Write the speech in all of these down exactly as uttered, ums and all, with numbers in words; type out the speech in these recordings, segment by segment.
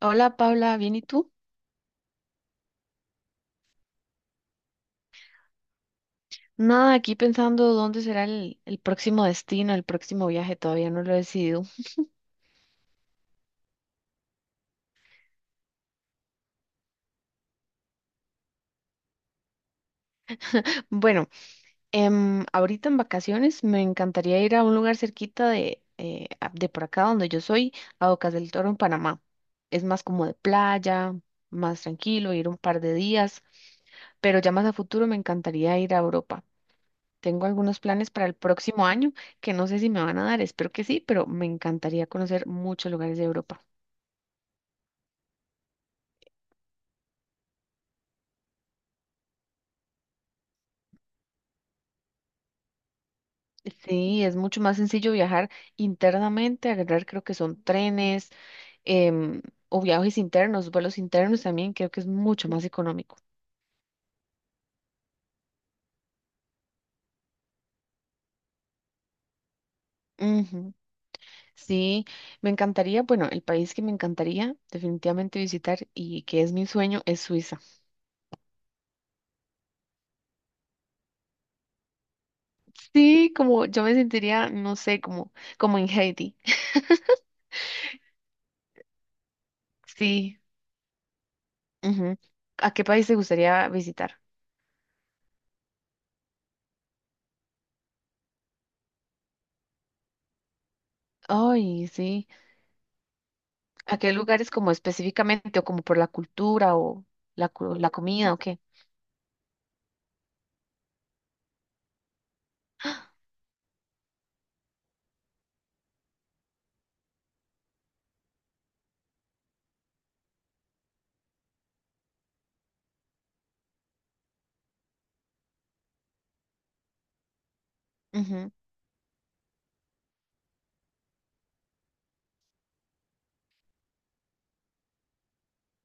Hola Paula, ¿bien y tú? Nada, aquí pensando dónde será el, el próximo destino, el próximo viaje, todavía no lo he decidido. Bueno, em, ahorita en vacaciones me encantaría ir a un lugar cerquita de, eh, a- de por acá donde yo soy, a Bocas del Toro en Panamá. Es más como de playa, más tranquilo, ir un par de días, pero ya más a futuro me encantaría ir a Europa. Tengo algunos planes para el próximo año que no sé si me van a dar, espero que sí, pero me encantaría conocer muchos lugares de Europa. Sí, es mucho más sencillo viajar internamente, agarrar creo que son trenes em, o viajes internos, vuelos internos también, creo que es mucho más económico. Ujú, sí, me encantaría, bueno, el país que me encantaría definitivamente visitar y que es mi sueño es Suiza. Sí, como yo me sentiría, no sé, como, como en Haití. Sí. Ujú. ¿A qué país te gustaría visitar? Ay, sí. ¿A qué lugares como específicamente o como por la cultura o la, cu- la comida o qué? Ujú,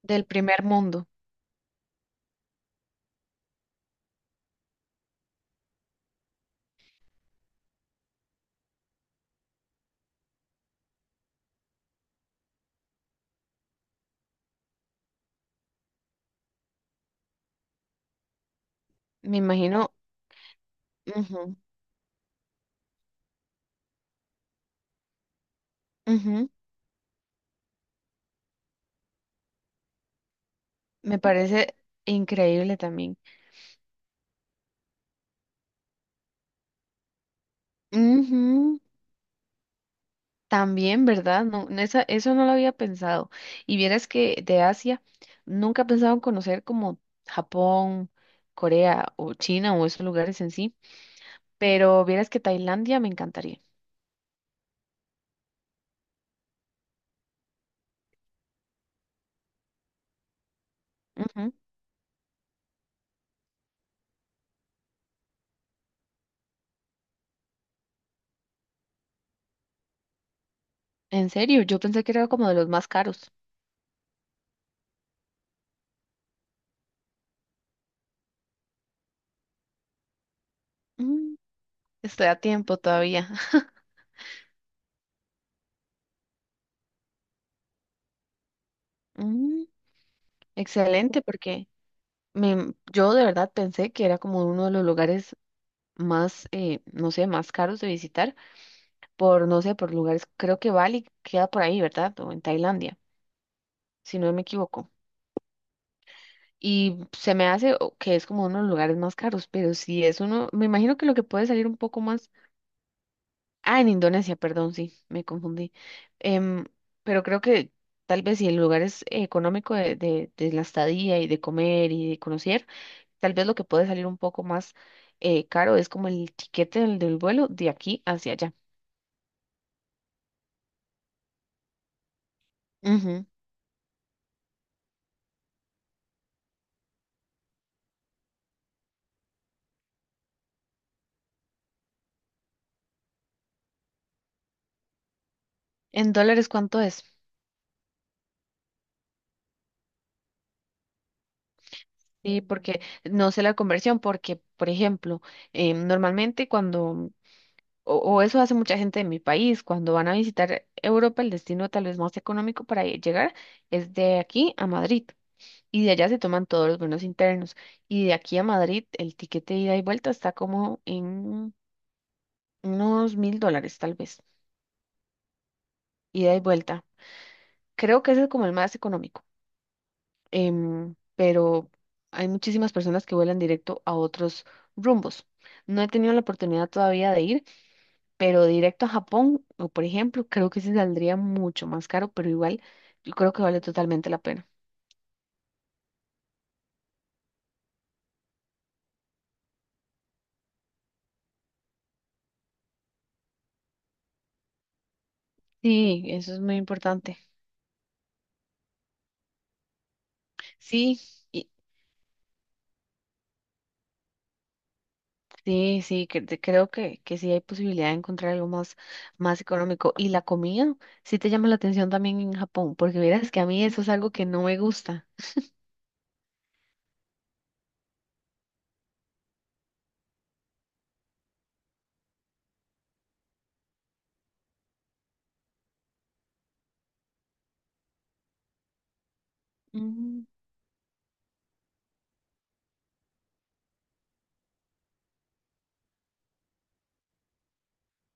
del primer mundo, me imagino. Ujú, ujú, me parece increíble también. Ujú, también, ¿verdad? No, no, esa- eso no lo había pensado. Y vieras que de Asia nunca he pensado en conocer como Japón, Corea o China o esos lugares en sí, pero vieras que Tailandia me encantaría. Ujú, en serio, yo pensé que era como de los más caros. Mm, Estoy a tiempo todavía. Mm, Excelente, porque. Me, yo de verdad pensé que era como uno de los lugares más, eh, no sé, más caros de visitar por, no sé, por lugares, creo que Bali queda por ahí, ¿verdad? O en Tailandia, si no me equivoco. Y se me hace o- que es como uno de los lugares más caros, pero si es uno, me imagino que lo que puede salir un poco más, ah, en Indonesia, perdón, sí, me confundí. Em, pero creo que tal vez si el lugar es económico de, de, de la estadía y de comer y de conocer. Tal vez lo que puede salir un poco más eh, caro es como el tiquete del, del vuelo de aquí hacia allá. Ujú. ¿En dólares cuánto es? Sí, porque no sé la conversión, porque, por ejemplo, eh, normalmente cuando, o, o eso hace mucha gente de mi país, cuando van a visitar Europa, el destino tal vez más económico para e, llegar es de aquí a Madrid. Y de allá se toman todos los vuelos internos. Y de aquí a Madrid, el tiquete de ida y vuelta está como en unos mil dólares, tal vez, ida y vuelta. Creo que ese es como el más económico, em, pero hay muchísimas personas que vuelan directo a otros rumbos. No he tenido la oportunidad todavía de ir, pero directo a Japón, o por ejemplo, creo que sí saldría mucho más caro, pero igual yo creo que vale totalmente la pena. Sí, eso es muy importante. Sí, y- sí, sí, cre- te- creo que, que sí hay posibilidad de encontrar algo más, más económico. Y la comida, sí te llama la atención también en Japón, porque verás que a mí eso es algo que no me gusta.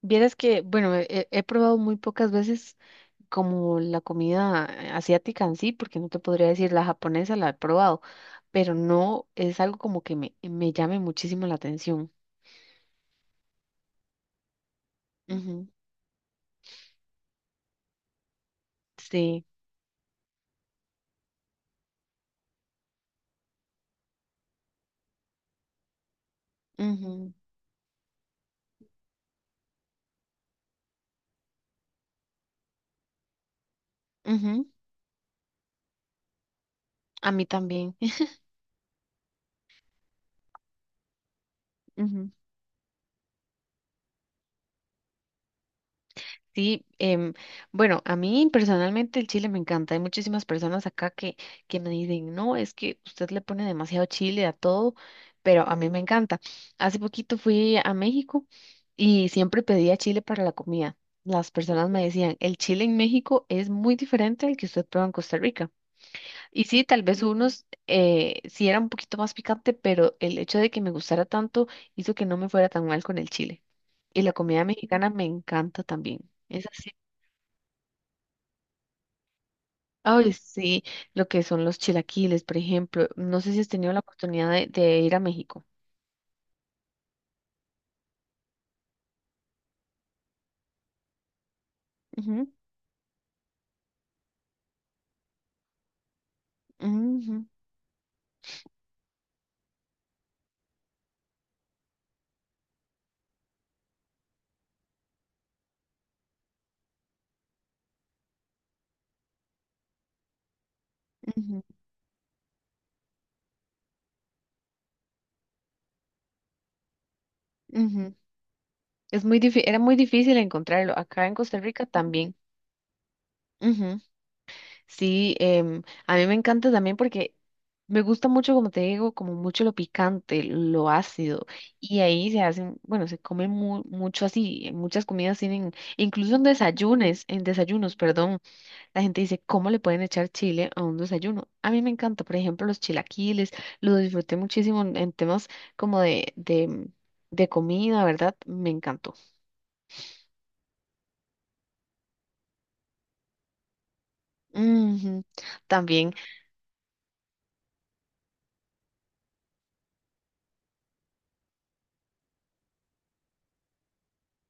Vieras que, bueno, he, he- probado muy pocas veces como la comida eh, asiática en sí, porque no te podría decir la japonesa, la he probado, pero no es algo como que me, me llame muchísimo la atención. Ujú, sí, ujú, ujú, a mí también. Ujú. Sí, em, bueno, a mí personalmente el chile me encanta. Hay muchísimas personas acá que, que me dicen, no, es que usted le pone demasiado chile a todo, pero a mí me encanta. Hace poquito fui a México y siempre pedía chile para la comida. Las personas me decían, el chile en México es muy diferente al que usted prueba en Costa Rica. Y sí, tal vez unos eh, sí era un poquito más picante, pero el hecho de que me gustara tanto hizo que no me fuera tan mal con el chile. Y la comida mexicana me encanta también. Ay, sí, lo que son los chilaquiles, por ejemplo. No sé si has tenido la oportunidad de, de ir a México. Ujú, ujú, ujú, ujú. Es muy difí- era muy difícil encontrarlo. Acá en Costa Rica también. Ujú. Sí, em, a mí me encanta también porque me gusta mucho, como te digo, como mucho lo picante, lo ácido. Y ahí se hacen, bueno, se come mu- mucho así. Muchas comidas tienen, incluso en desayunos, en desayunos, perdón. La gente dice, ¿cómo le pueden echar chile a un desayuno? A mí me encanta, por ejemplo, los chilaquiles, lo disfruté muchísimo en, en temas como de, de, de comida, ¿verdad? Me encantó. Ujú, también,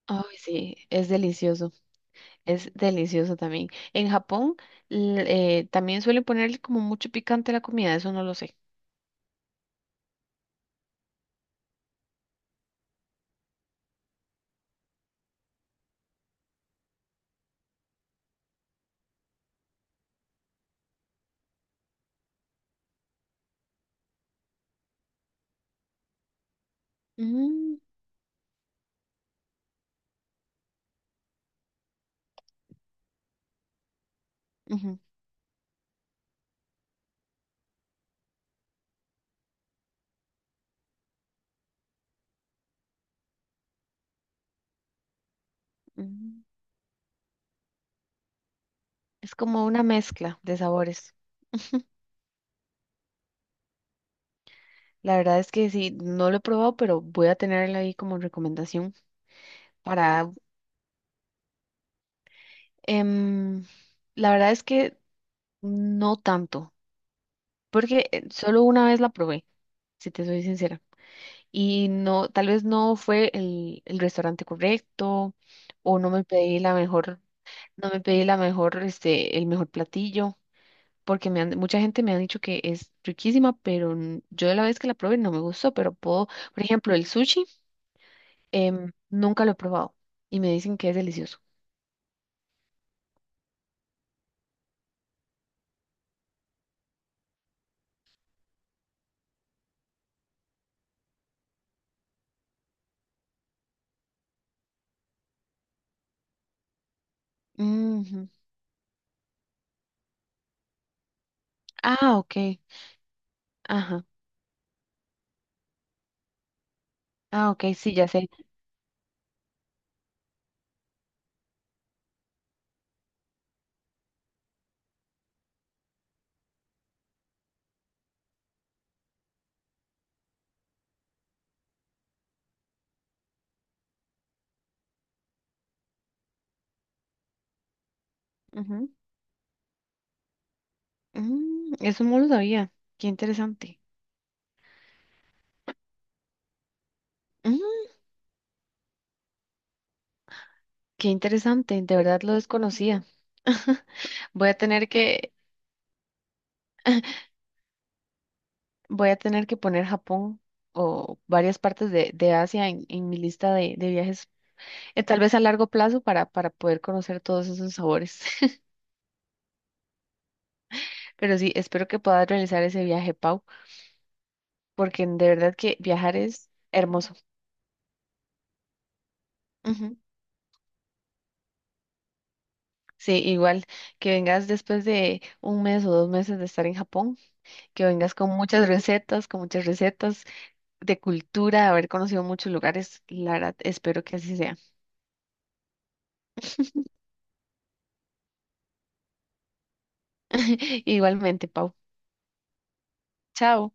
ay, sí, es delicioso, es delicioso también. En Japón l- eh, también suelen ponerle como mucho picante a la comida, eso no lo sé. Mm, ujú, ujú. Es como una mezcla de sabores. La verdad es que sí, no lo he probado, pero voy a tenerla ahí como recomendación para. Em, la verdad es que no tanto, porque eh, solo una vez la probé, si te soy sincera. Y no, tal vez no fue el, el restaurante correcto, o no me pedí la mejor, no me pedí la mejor, este, el mejor platillo, porque me han- mucha gente me ha dicho que es riquísima, pero n- yo la vez que la probé no me gustó, pero puedo, por ejemplo, el sushi, em, nunca lo he probado y me dicen que es delicioso. Ujú. Ah, ok. Ajá. Ah, ok, sí, ya sé. Mm, eso no lo sabía. Qué interesante. Mm, Qué interesante, de verdad lo desconocía. Voy a tener que, voy a tener que poner Japón o varias partes de, de Asia en, en mi lista de, de viajes, eh, tal vez a largo plazo para, para poder conocer todos esos sabores. Pero sí, espero que puedas realizar ese viaje, Pau, porque de verdad que viajar es hermoso. Ujú. Sí, igual que vengas después de un mes o dos meses de estar en Japón, que vengas con muchas recetas, con muchas recetas de cultura, haber conocido muchos lugares, la verdad, espero que así sea. Igualmente, Pau. Chao.